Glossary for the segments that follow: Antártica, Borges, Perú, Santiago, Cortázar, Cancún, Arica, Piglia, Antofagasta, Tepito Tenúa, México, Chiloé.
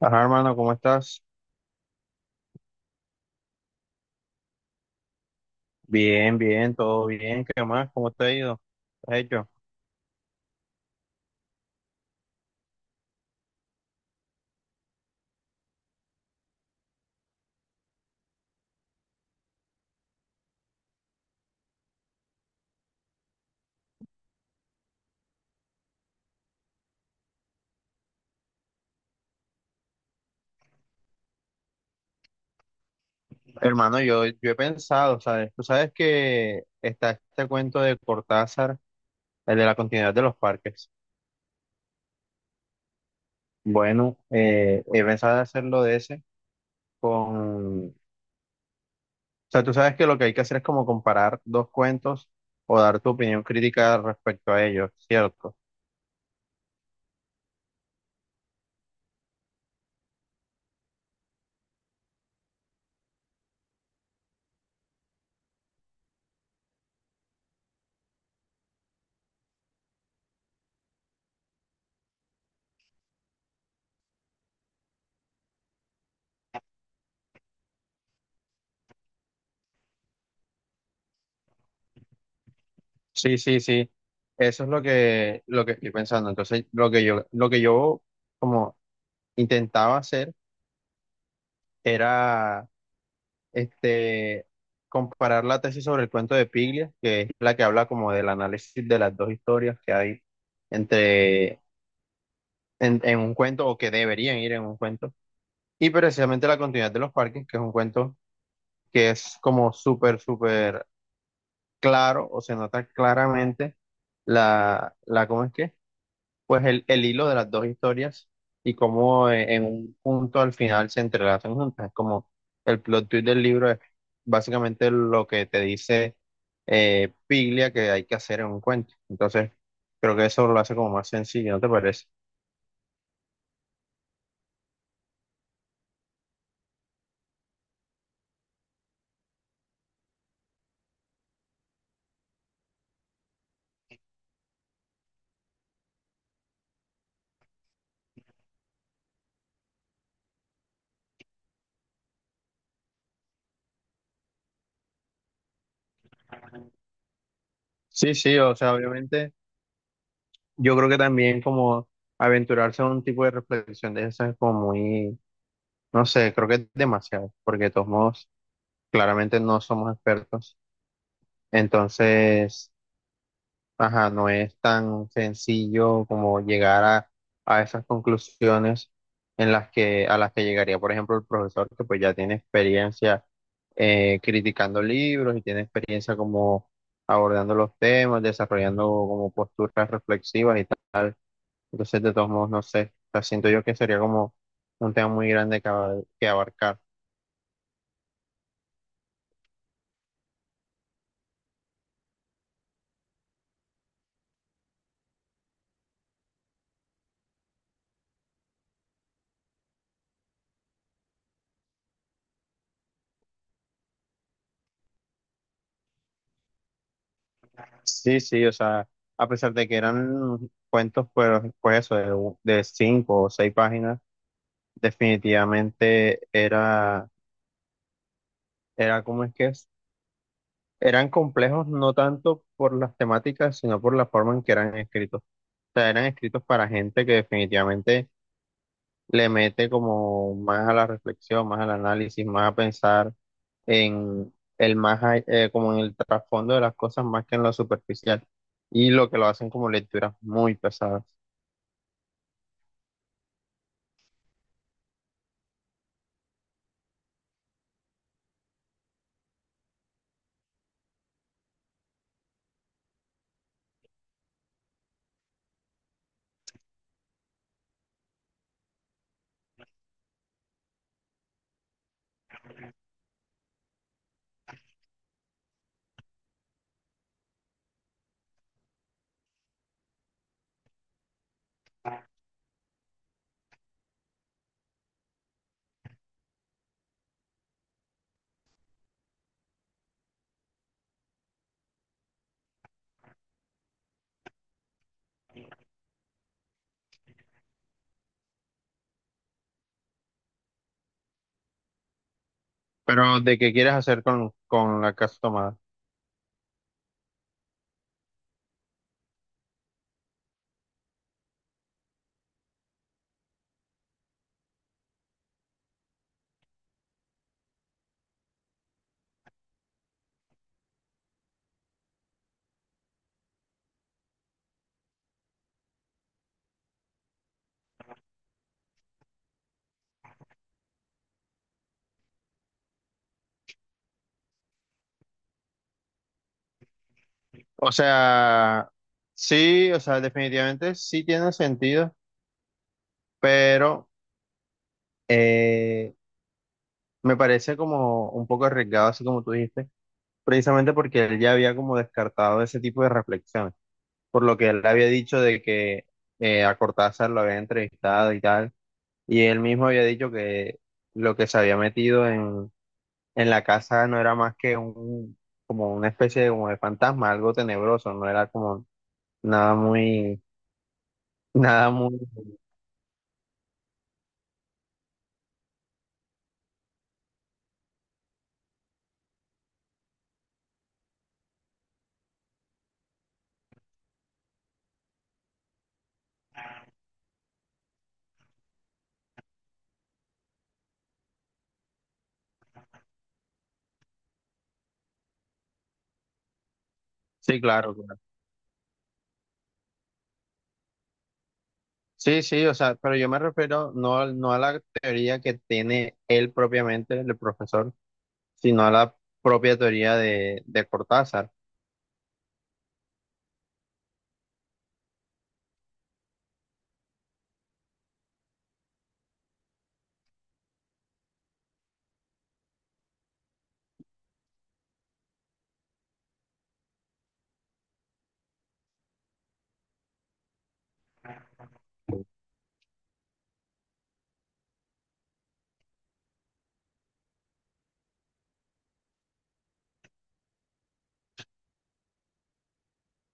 Ajá, hermano, ¿cómo estás? Bien, bien, todo bien. ¿Qué más? ¿Cómo te ha ido? ¿Qué has hecho? Hermano, yo he pensado, ¿sabes? Tú sabes que está este cuento de Cortázar, el de la continuidad de los parques. Bueno, he pensado hacerlo de ese con... O sea, tú sabes que lo que hay que hacer es como comparar dos cuentos o dar tu opinión crítica respecto a ellos, ¿cierto? Sí, sí, sí. Eso es lo que estoy pensando. Entonces, lo que yo como intentaba hacer era este, comparar la tesis sobre el cuento de Piglia, que es la que habla como del análisis de las dos historias que hay entre, en un cuento o que deberían ir en un cuento, y precisamente la continuidad de los parques, que es un cuento que es como súper, súper claro o se nota claramente la, la, ¿cómo es que? Pues el hilo de las dos historias y cómo en un punto al final se entrelazan juntas. Es como el plot twist del libro es básicamente lo que te dice Piglia que hay que hacer en un cuento. Entonces, creo que eso lo hace como más sencillo, ¿no te parece? Sí, sí, o sea, obviamente yo creo que también como aventurarse a un tipo de reflexión de esa es como muy, no sé, creo que es demasiado, porque de todos modos claramente no somos expertos. Entonces... Ajá, no es tan sencillo como llegar a esas conclusiones en las que, a las que llegaría, por ejemplo, el profesor que pues ya tiene experiencia criticando libros y tiene experiencia como abordando los temas, desarrollando como posturas reflexivas y tal. Entonces, de todos modos, no sé, o sea, siento yo que sería como un tema muy grande que, que abarcar. Sí, sí, o sea, a pesar de que eran cuentos, pues, pues eso, de, de cinco o seis páginas. Definitivamente era, era como es que es, eran complejos no tanto por las temáticas, sino por la forma en que eran escritos. O sea, eran escritos para gente que definitivamente le mete como más a la reflexión, más al análisis, más a pensar en el más, como en el trasfondo de las cosas más que en lo superficial. Y lo que lo hacen como lecturas muy pesadas. Pero, ¿de qué quieres hacer con la casa tomada? O sea, sí, o sea, definitivamente sí tiene sentido, pero eh, me parece como un poco arriesgado, así como tú dijiste, precisamente porque él ya había como descartado ese tipo de reflexiones, por lo que él había dicho de que a Cortázar lo había entrevistado y tal, y él mismo había dicho que lo que se había metido en la casa no era más que un, como una especie de, como de fantasma, algo tenebroso, no era como nada muy, nada muy... Sí, claro, claro. Sí, sí, o sea, pero yo me refiero no, no a la teoría que tiene él propiamente, el profesor, sino a la propia teoría de Cortázar.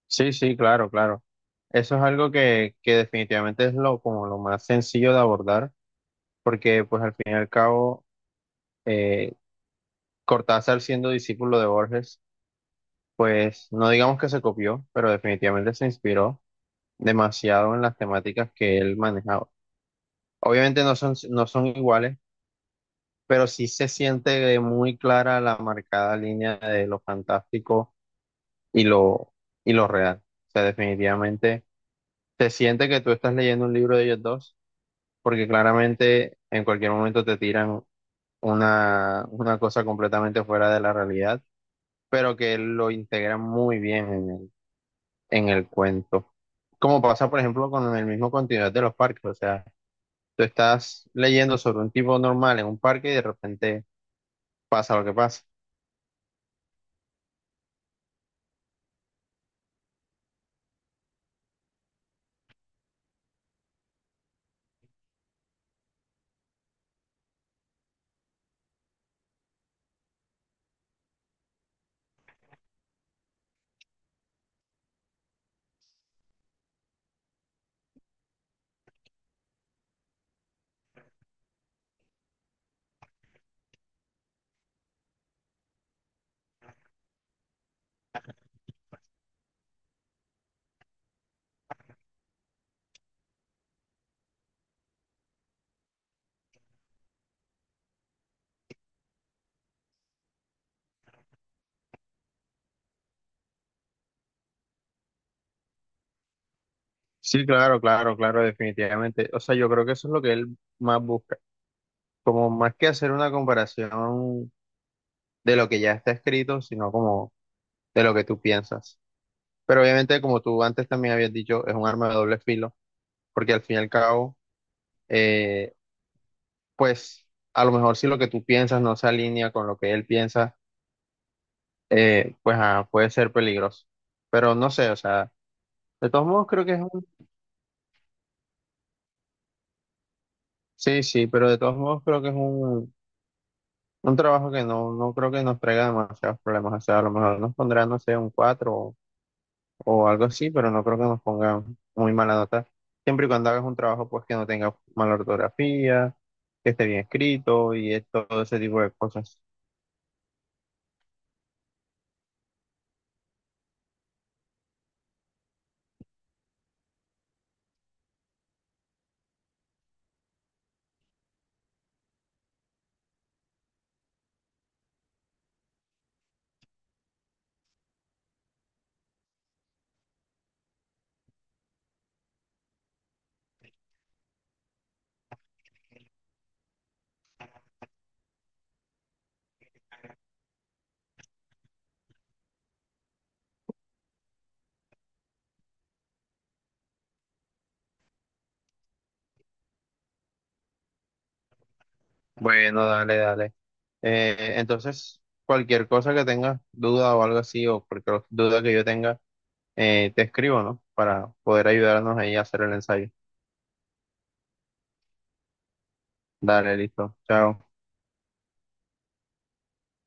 Sí, sí, claro, claro. Eso es algo que definitivamente es lo, como lo más sencillo de abordar, porque pues al fin y al cabo, eh, Cortázar siendo discípulo de Borges, pues no digamos que se copió, pero definitivamente se inspiró demasiado en las temáticas que él manejaba. Obviamente no son, no son iguales, pero sí se siente muy clara la marcada línea de lo fantástico y lo, y lo real. O sea, definitivamente se siente que tú estás leyendo un libro de ellos dos, porque claramente en cualquier momento te tiran una cosa completamente fuera de la realidad, pero que lo integran muy bien en el cuento. Como pasa, por ejemplo, con el mismo continuidad de los parques, o sea, tú estás leyendo sobre un tipo normal en un parque y de repente pasa lo que pasa. Sí, claro, claro, claro, definitivamente. O sea, yo creo que eso es lo que él más busca. Como más que hacer una comparación de lo que ya está escrito, sino como de lo que tú piensas. Pero obviamente, como tú antes también habías dicho, es un arma de doble filo, porque al fin y al cabo, eh, pues a lo mejor si lo que tú piensas no se alinea con lo que él piensa, pues ah, puede ser peligroso. Pero no sé, o sea, de todos modos creo que es un... Sí, sí, pero de todos modos creo que es un trabajo que no, no creo que nos traiga demasiados problemas. O sea, a lo mejor nos pondrá, no sé, un 4 o algo así, pero no creo que nos ponga muy mala nota. Siempre y cuando hagas un trabajo, pues que no tenga mala ortografía, que esté bien escrito y todo ese tipo de cosas. Bueno, dale, dale. Entonces, cualquier cosa que tengas duda o algo así, o cualquier duda que yo tenga, te escribo, ¿no? Para poder ayudarnos ahí a hacer el ensayo. Dale, listo. Chao.